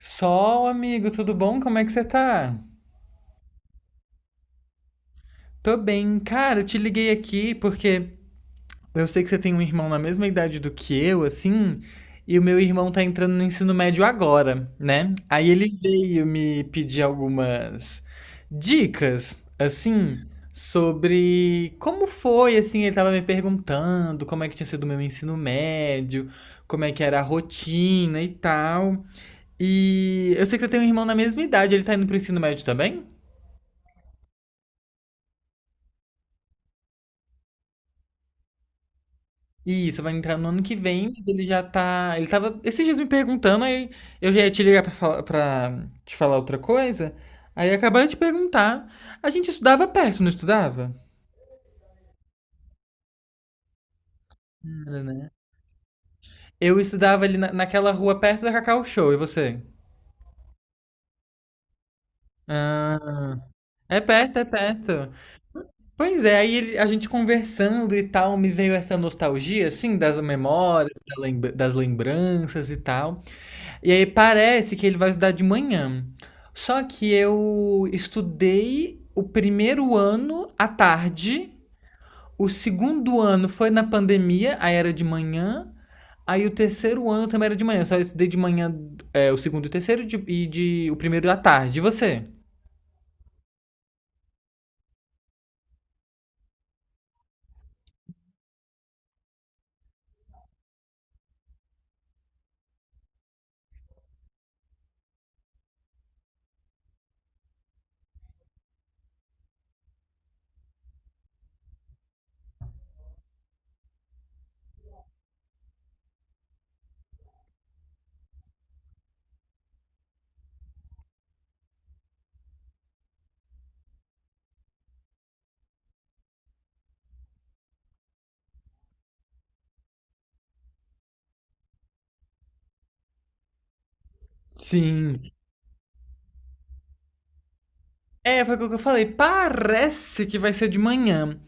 Sol, amigo, tudo bom? Como é que você tá? Tô bem. Cara, eu te liguei aqui porque eu sei que você tem um irmão na mesma idade do que eu, assim, e o meu irmão tá entrando no ensino médio agora, né? Aí ele veio me pedir algumas dicas, assim, sobre como foi, assim, ele tava me perguntando como é que tinha sido o meu ensino médio, como é que era a rotina e tal. E eu sei que você tem um irmão na mesma idade, ele tá indo pro ensino médio também? Isso, vai entrar no ano que vem, mas ele já tá. Ele tava esses dias me perguntando, aí eu já ia te ligar pra, falar, pra te falar outra coisa. Aí acabaram de perguntar. A gente estudava perto, não estudava? Era, né? Eu estudava ali naquela rua perto da Cacau Show, e você? Ah, é perto, é perto. Pois é, aí a gente conversando e tal, me veio essa nostalgia, assim, das memórias, da lembra- das lembranças e tal. E aí parece que ele vai estudar de manhã. Só que eu estudei o primeiro ano à tarde, o segundo ano foi na pandemia, aí era de manhã. Aí o terceiro ano também era de manhã, só eu estudei de manhã é, o segundo e o terceiro de- e de, o primeiro à tarde. E você? Sim. É, foi o que eu falei. Parece que vai ser de manhã.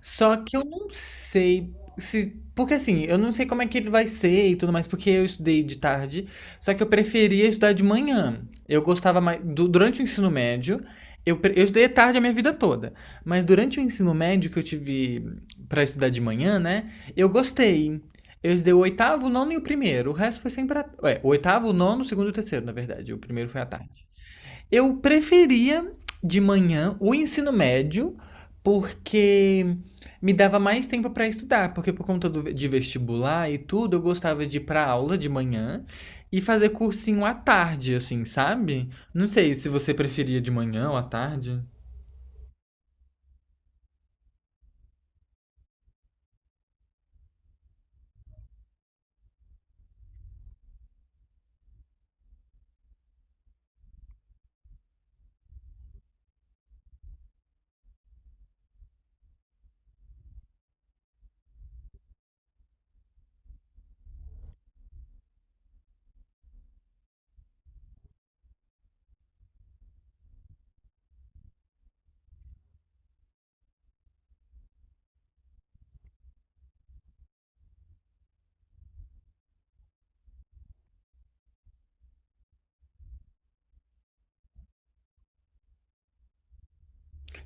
Só que eu não sei se. Porque assim, eu não sei como é que ele vai ser e tudo mais, porque eu estudei de tarde. Só que eu preferia estudar de manhã. Eu gostava mais. Durante o ensino médio, eu estudei à tarde a minha vida toda. Mas durante o ensino médio que eu tive pra estudar de manhã, né? Eu gostei. Eu estudei o oitavo, o nono e o primeiro. O resto foi sempre. À... Ué, o oitavo, o nono, o segundo e o terceiro, na verdade. O primeiro foi à tarde. Eu preferia de manhã o ensino médio, porque me dava mais tempo para estudar, porque por conta de vestibular e tudo, eu gostava de ir para aula de manhã e fazer cursinho à tarde, assim, sabe? Não sei se você preferia de manhã ou à tarde.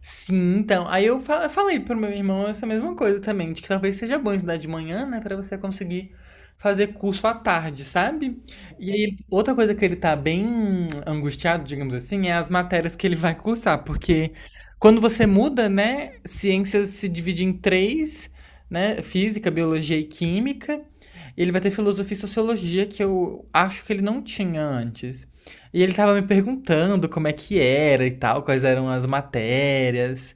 Sim, então. Aí eu falei pro meu irmão essa mesma coisa também, de que talvez seja bom estudar de manhã, né, Pra você conseguir fazer curso à tarde, sabe? E aí, outra coisa que ele tá bem angustiado, digamos assim, é as matérias que ele vai cursar, porque quando você muda, né, ciências se divide em três, né, física, biologia e química. Ele vai ter filosofia e sociologia que eu acho que ele não tinha antes. E ele tava me perguntando como é que era e tal, quais eram as matérias.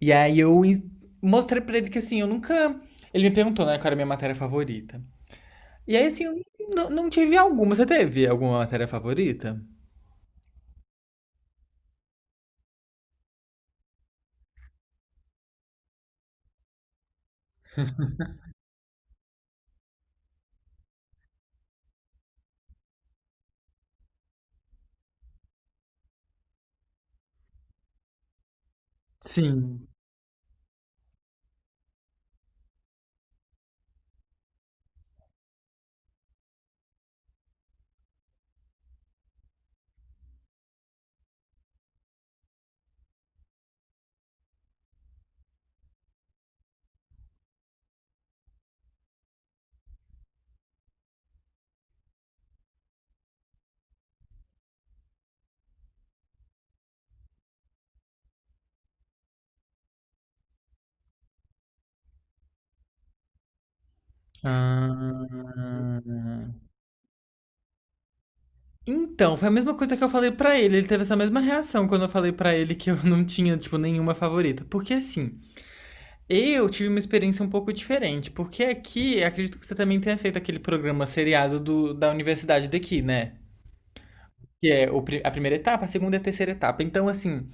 E aí eu mostrei pra ele que assim, eu nunca. Ele me perguntou, né, qual era a minha matéria favorita. E aí, assim, eu não tive alguma. Você teve alguma matéria favorita? Sim. Ah... Então, foi a mesma coisa que eu falei pra ele. Ele teve essa mesma reação quando eu falei pra ele que eu não tinha, tipo, nenhuma favorita. Porque assim, eu tive uma experiência um pouco diferente, porque aqui, acredito que você também tenha feito aquele programa seriado do, da universidade daqui, né? Que é a primeira etapa, a segunda e a terceira etapa. Então, assim,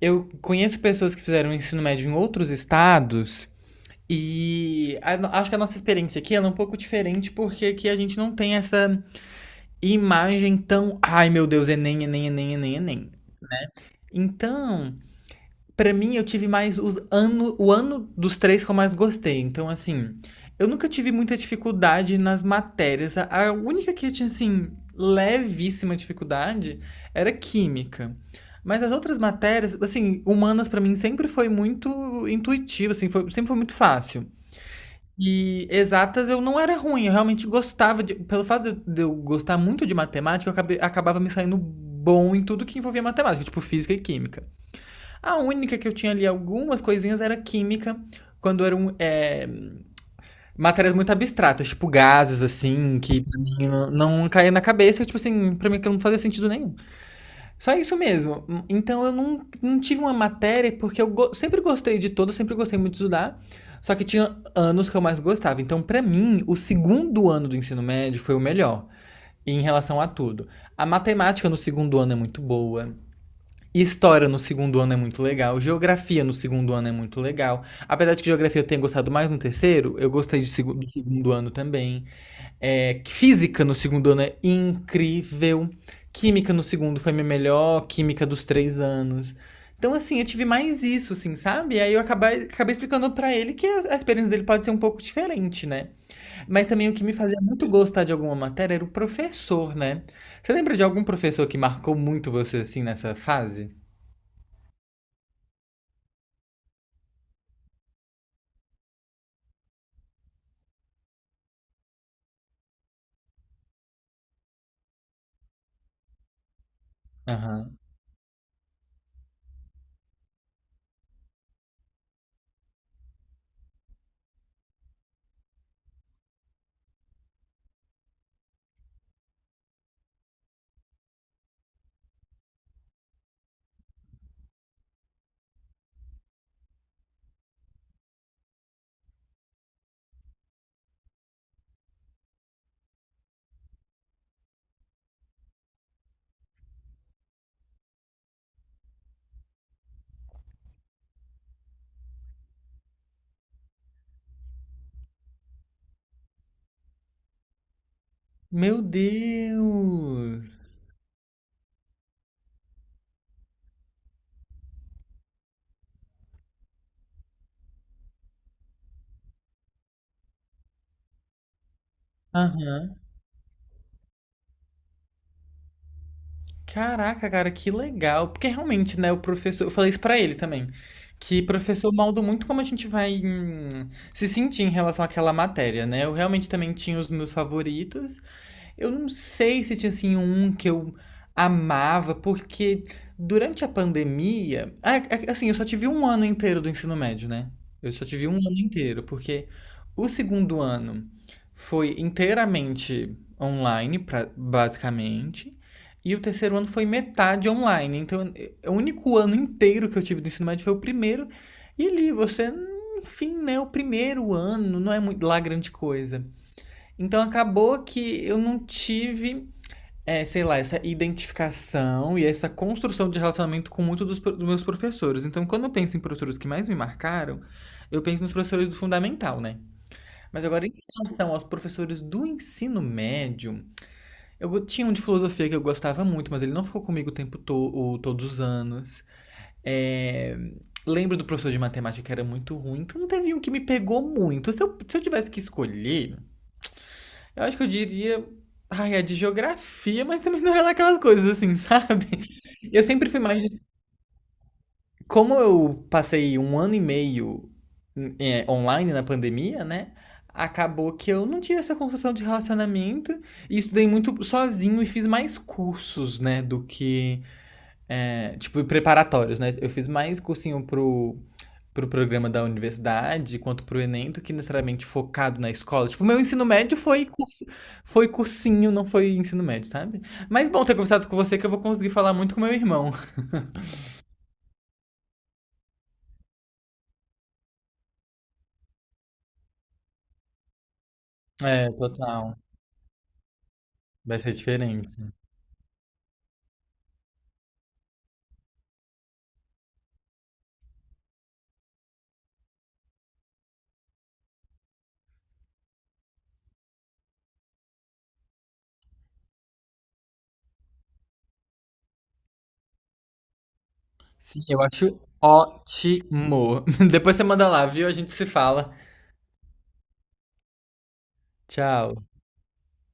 eu conheço pessoas que fizeram ensino médio em outros estados e a no- acho que a nossa experiência aqui ela é um pouco diferente, porque aqui a gente não tem essa imagem tão, ai meu Deus, Enem, Enem, Enem, Enem, Enem. Então, pra mim, eu tive mais o ano dos três que eu mais gostei. Então, assim, eu nunca tive muita dificuldade nas matérias. A única que eu tinha, assim, levíssima dificuldade era química. Mas as outras matérias, assim, humanas pra mim sempre foi muito intuitivo, assim, foi- sempre foi muito fácil. E exatas eu não era ruim, eu realmente gostava de. Pelo fato de eu gostar muito de matemática, eu acabava me saindo bom em tudo que envolvia matemática, tipo física e química. A única que eu tinha ali algumas coisinhas era química, quando eram é, matérias muito abstratas, tipo gases, assim, que pra mim não caía na cabeça, tipo assim, pra mim aquilo não fazia sentido nenhum. Só isso mesmo. Então eu não tive uma matéria, porque eu go- sempre gostei de todo, sempre gostei muito de estudar, só que tinha anos que eu mais gostava. Então, pra mim, o segundo ano do ensino médio foi o melhor em relação a tudo. A matemática no segundo ano é muito boa. História no segundo ano é muito legal, geografia no segundo ano é muito legal. Apesar de que geografia eu tenha gostado mais no terceiro, eu gostei de do segundo ano também. É, física no segundo ano é incrível. Química no segundo foi minha melhor química dos 3 anos. Então, assim, eu tive mais isso, assim, sabe? Aí eu acabei, acabei explicando pra ele que a experiência dele pode ser um pouco diferente, né? Mas também o que me fazia muito gostar de alguma matéria era o professor, né? Você lembra de algum professor que marcou muito você, assim, nessa fase? Aham. Meu Deus! Aham. Caraca, cara, que legal. Porque realmente, né, o professor. Eu falei isso pra ele também. Que professor molda muito como a gente vai se sentir em relação àquela matéria, né? Eu realmente também tinha os meus favoritos. Eu não sei se tinha assim um que eu amava, porque durante a pandemia, ah, assim, eu só tive um ano inteiro do ensino médio, né? Eu só tive um ano inteiro, porque o segundo ano foi inteiramente online, basicamente, e o terceiro ano foi metade online. Então, o único ano inteiro que eu tive do ensino médio foi o primeiro, e ali você, enfim, né? O primeiro ano não é muito lá grande coisa. Então acabou que eu não tive, é, sei lá, essa identificação e essa construção de relacionamento com muitos dos meus professores. Então, quando eu penso em professores que mais me marcaram, eu penso nos professores do fundamental, né? Mas agora, em relação aos professores do ensino médio, eu tinha um de filosofia que eu gostava muito, mas ele não ficou comigo o tempo to o- todos os anos. É, lembro do professor de matemática que era muito ruim, então não teve um que me pegou muito. Se eu tivesse que escolher, eu acho que eu diria. Ai, a de geografia, mas também não era daquelas coisas assim, sabe? Eu sempre fui mais. Como eu passei um ano e meio é, online na pandemia, né? Acabou que eu não, tive essa construção de relacionamento e estudei muito sozinho e fiz mais cursos, né? Do que. É, tipo, preparatórios, né? Eu fiz mais cursinho pro, pro programa da universidade quanto pro Enem do que necessariamente focado na escola. Tipo, o meu ensino médio foi curso, foi cursinho, não foi ensino médio, sabe? Mas bom ter conversado com você que eu vou conseguir falar muito com meu irmão. É, total. Vai ser diferente. Sim, eu acho ótimo. Depois você manda lá, viu? A gente se fala. Tchau.